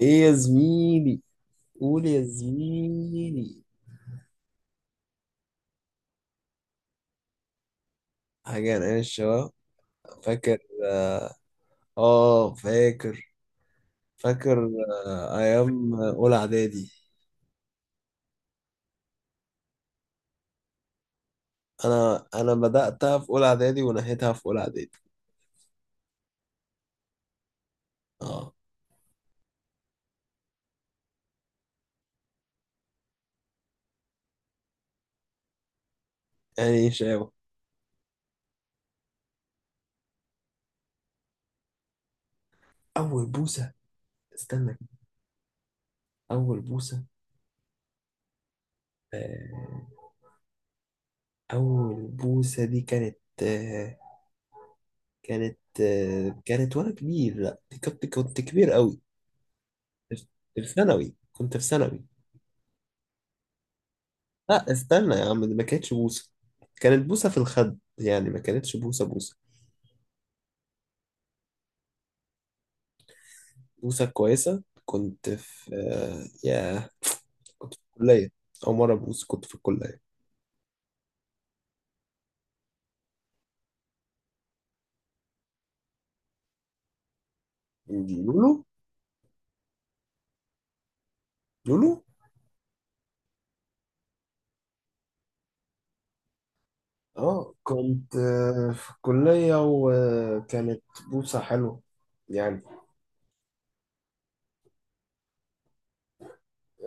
ايه يا زميلي؟ قول يا زميلي. حاجة انا الشباب؟ فاكر. اه. فاكر. فاكر. آه ايام اولى اعدادي. انا بدأتها في اولى اعدادي ونهيتها في اولى اعدادي. اه. يعني ايه شباب؟ اول بوسة. استنى كده. اول بوسة. آه، اول بوسة دي كانت آه، كانت آه، كانت وانا كبير، لا دي كنت كبير قوي. في ثانوي، كنت في ثانوي. لا استنى يا عم، دي ما كانتش بوسة. كانت بوسة في الخد، يعني ما كانتش بوسة. بوسة كويسة. كنت في يا، كنت في الكلية. أول مرة بوس كنت في الكلية. دي لولو. لولو. اه كنت في الكلية وكانت بوسة حلوة يعني.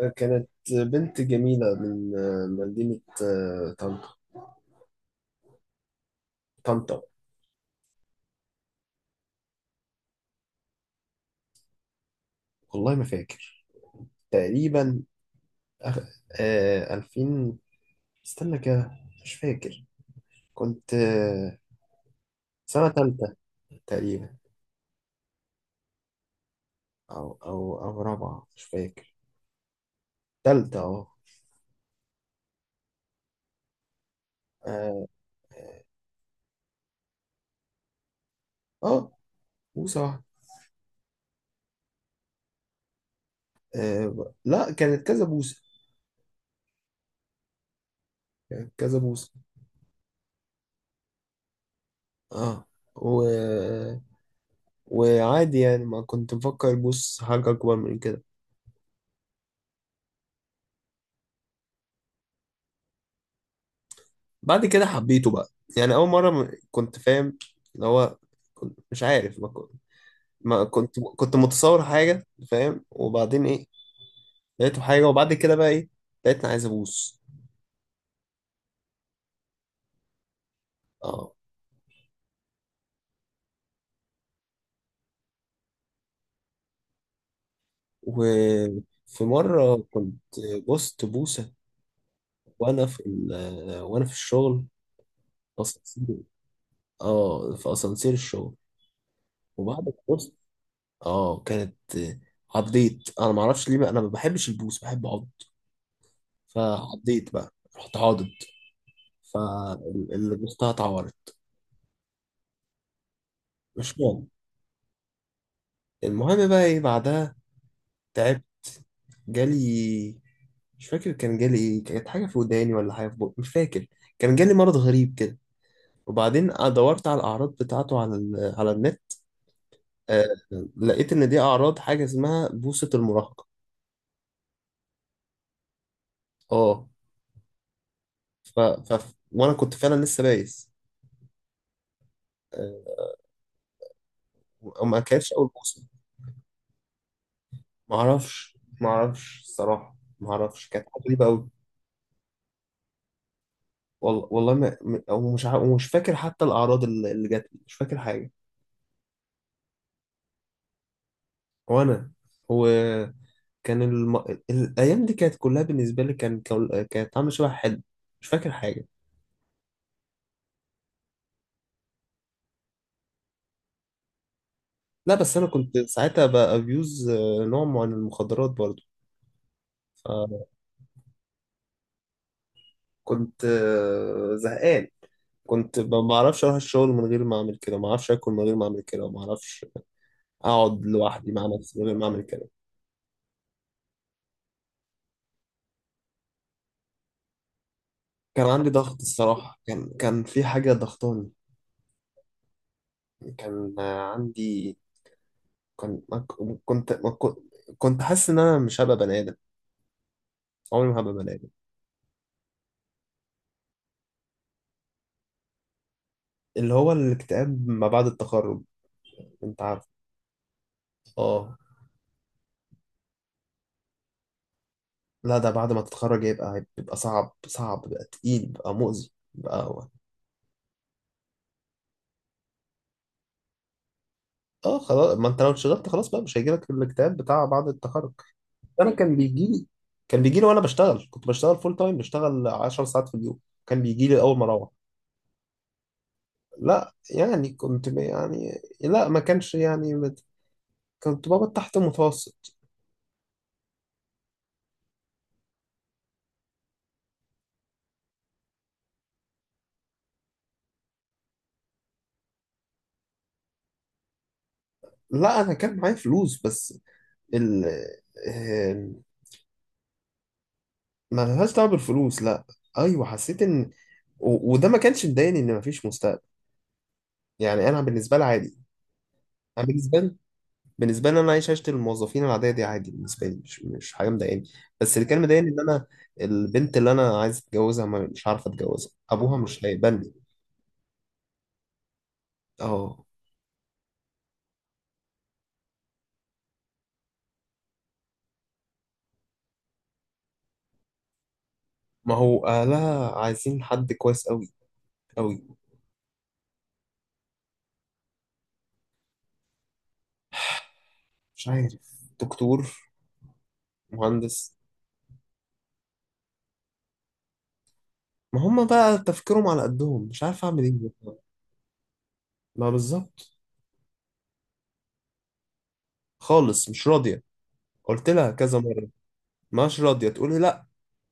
كانت بنت جميلة من مدينة طنطا. طنطا. والله ما فاكر. تقريبا 2000. استنى كده، مش فاكر. كنت سنة تالتة تقريبا. أو رابعة، مش فاكر. تالتة أه. آه. آه، بوسة واحدة. آه ب- لا كانت كذا بوسة. كانت كذا بوسة. أه. و... وعادي يعني، ما كنت مفكر بوس حاجة أكبر من كده. بعد كده حبيته بقى. يعني أول مرة م- كنت فاهم اللي هو، كنت مش عارف. ما كنت كنت متصور حاجة فاهم، وبعدين إيه، لقيته حاجة، وبعد كده بقى إيه، لقيتني عايز أبوس. اه. وفي مرة كنت بوست بوسة وأنا في الشغل. أسانسير. آه، في أسانسير الشغل. وبعد ما بوست آه كانت عضيت. أنا معرفش ليه بقى، أنا ما بحبش البوس، بحب أعض. فعضيت بقى، رحت عاضد. فاللي بوستها اتعورت. مش مهم، المهم بقى إيه بعدها. تعبت. جالي، مش فاكر كان جالي إيه، كانت حاجة في وداني ولا حاجة في بقي، مش فاكر. كان جالي مرض غريب كده. وبعدين دورت على الأعراض بتاعته على ال... على النت. آه... لقيت إن دي أعراض حاجة اسمها بوصة المراهقة. اه ف... ف... وأنا كنت فعلا لسه بايس. آه... وما كانتش أول بوصة. معرفش، معرفش الصراحة، معرفش. كانت حاجة غريبة أوي. والله والله ما... م- ومش ع... ومش فاكر حتى الأعراض اللي جات لي، مش فاكر حاجة. وأنا، وكان، الم... الأيام دي كانت كلها بالنسبة لي، كانت عاملة شبه حلم. مش فاكر حاجة. لا بس انا كنت ساعتها بابيوز نوع معين من المخدرات برضو. فكنت زهقان. كنت ب- ما اعرفش اروح الشغل من غير ما اعمل كده، ما اعرفش اكل من غير ما اعمل كده، وما اعرفش اقعد لوحدي مع نفسي من غير ما اعمل كده. كان عندي ضغط الصراحه، كان كان في حاجه ضغطاني. كان عندي. كان ما ك- كنت ما كنت، كنت حاسس ان انا مش هبقى بني ادم، عمري ما هبقى بني ادم. اللي هو الاكتئاب ما بعد التخرج. انت عارف. اه. لا ده بعد ما تتخرج يبقى بيبقى صعب، صعب بقى، تقيل بقى، مؤذي بقى هو. اه خلاص، ما انت لو اشتغلت خلاص بقى مش هيجيلك الاكتئاب بتاع بعد التخرج. انا كان بيجي لي. كان بيجي لي وانا بشتغل، كنت بشتغل فول تايم، بشتغل 10 ساعات في اليوم. كان بيجي لي اول ما اروح. لا يعني كنت ب- يعني لا، ما كانش يعني مت-، كنت بابا تحت المتوسط. لا انا كان معايا فلوس بس، ال، آه، ما لهاش دعوه بالفلوس، لا. ايوه حسيت ان، و- وده ما كانش مضايقني ان مفيش مستقبل. يعني انا بالنسبه لي عادي. انا بالنسبه لي، بالنسبه لي انا عايش عيشه الموظفين العاديه دي عادي، بالنسبه لي مش مش حاجه مضايقاني. بس اللي كان مضايقني ان انا البنت اللي انا عايز اتجوزها ما- مش عارف اتجوزها، ابوها مش هيقبلني. اه. ما هو اهلها عايزين حد كويس قوي. قوي. مش عارف، دكتور، مهندس. ما هم بقى تفكيرهم على قدهم، مش عارف اعمل ايه. ما بالظبط. خالص مش راضيه. قلت لها كذا مره، مش راضيه، تقول لي لا،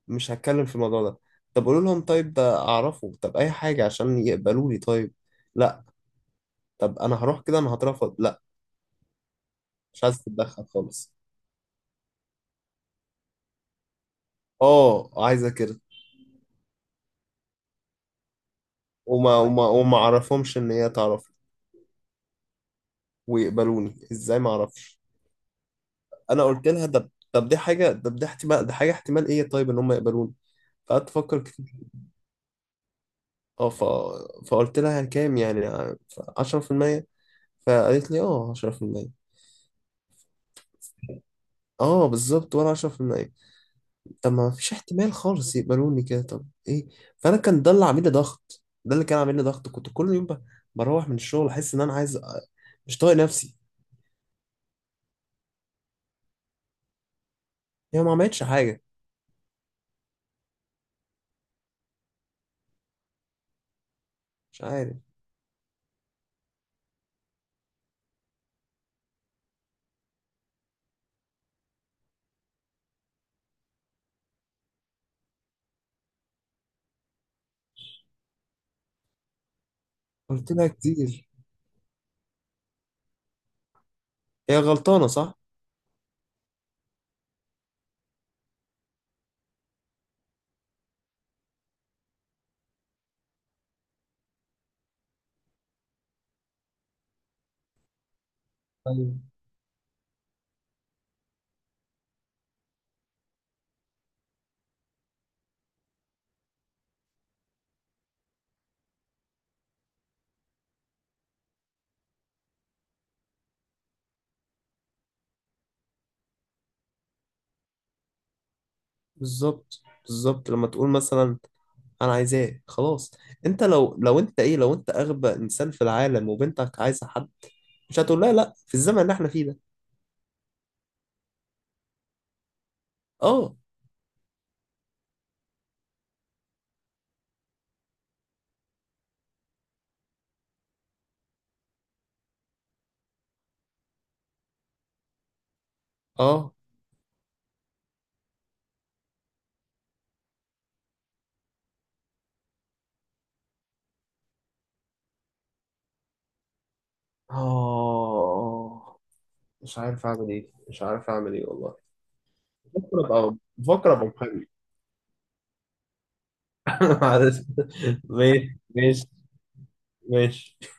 مش هتكلم في الموضوع ده. طب قولوا لهم طيب ده اعرفه، طب اي حاجه عشان يقبلوني طيب. لا. طب انا هروح كده انا هترفض، لا. مش عايز تتدخل خالص. اه عايزه كده. وما اعرفهمش ان هي تعرف ويقبلوني ازاي، ما اعرفش. انا قلت لها ده، طب دي حاجه، طب دي احتمال، دي حاجه احتمال ايه طيب ان هم يقبلوني. فقعدت افكر كتير. اه ف... فقلت لها كام يعني؟ 10%. فقالت لي اه 10%. اه بالظبط، ولا 10%. طب ما فيش احتمال خالص يقبلوني كده، طب ايه. فانا كان ده اللي عامل لي ضغط، ده اللي كان عامل لي ضغط، كنت كل يوم ب- بروح من الشغل احس ان انا عايز أ- مش طايق نفسي. هي ما عملتش حاجه، مش عارف. قلت لها كتير هي غلطانه صح. ايوه بالظبط، بالظبط لما تقول مثلا انا عايزاه خلاص، انت لو انت ايه لو انت اغبى انسان في العالم وبنتك عايزه حد، مش هتقول لها لا في الزمن اللي احنا فيه ده. اه. اه. اه مش عارف اعمل ايه، مش عارف اعمل ايه والله. بفكر ابقى، بفكر ابقى محامي. معلش. ماشي، ماشي، ماشي.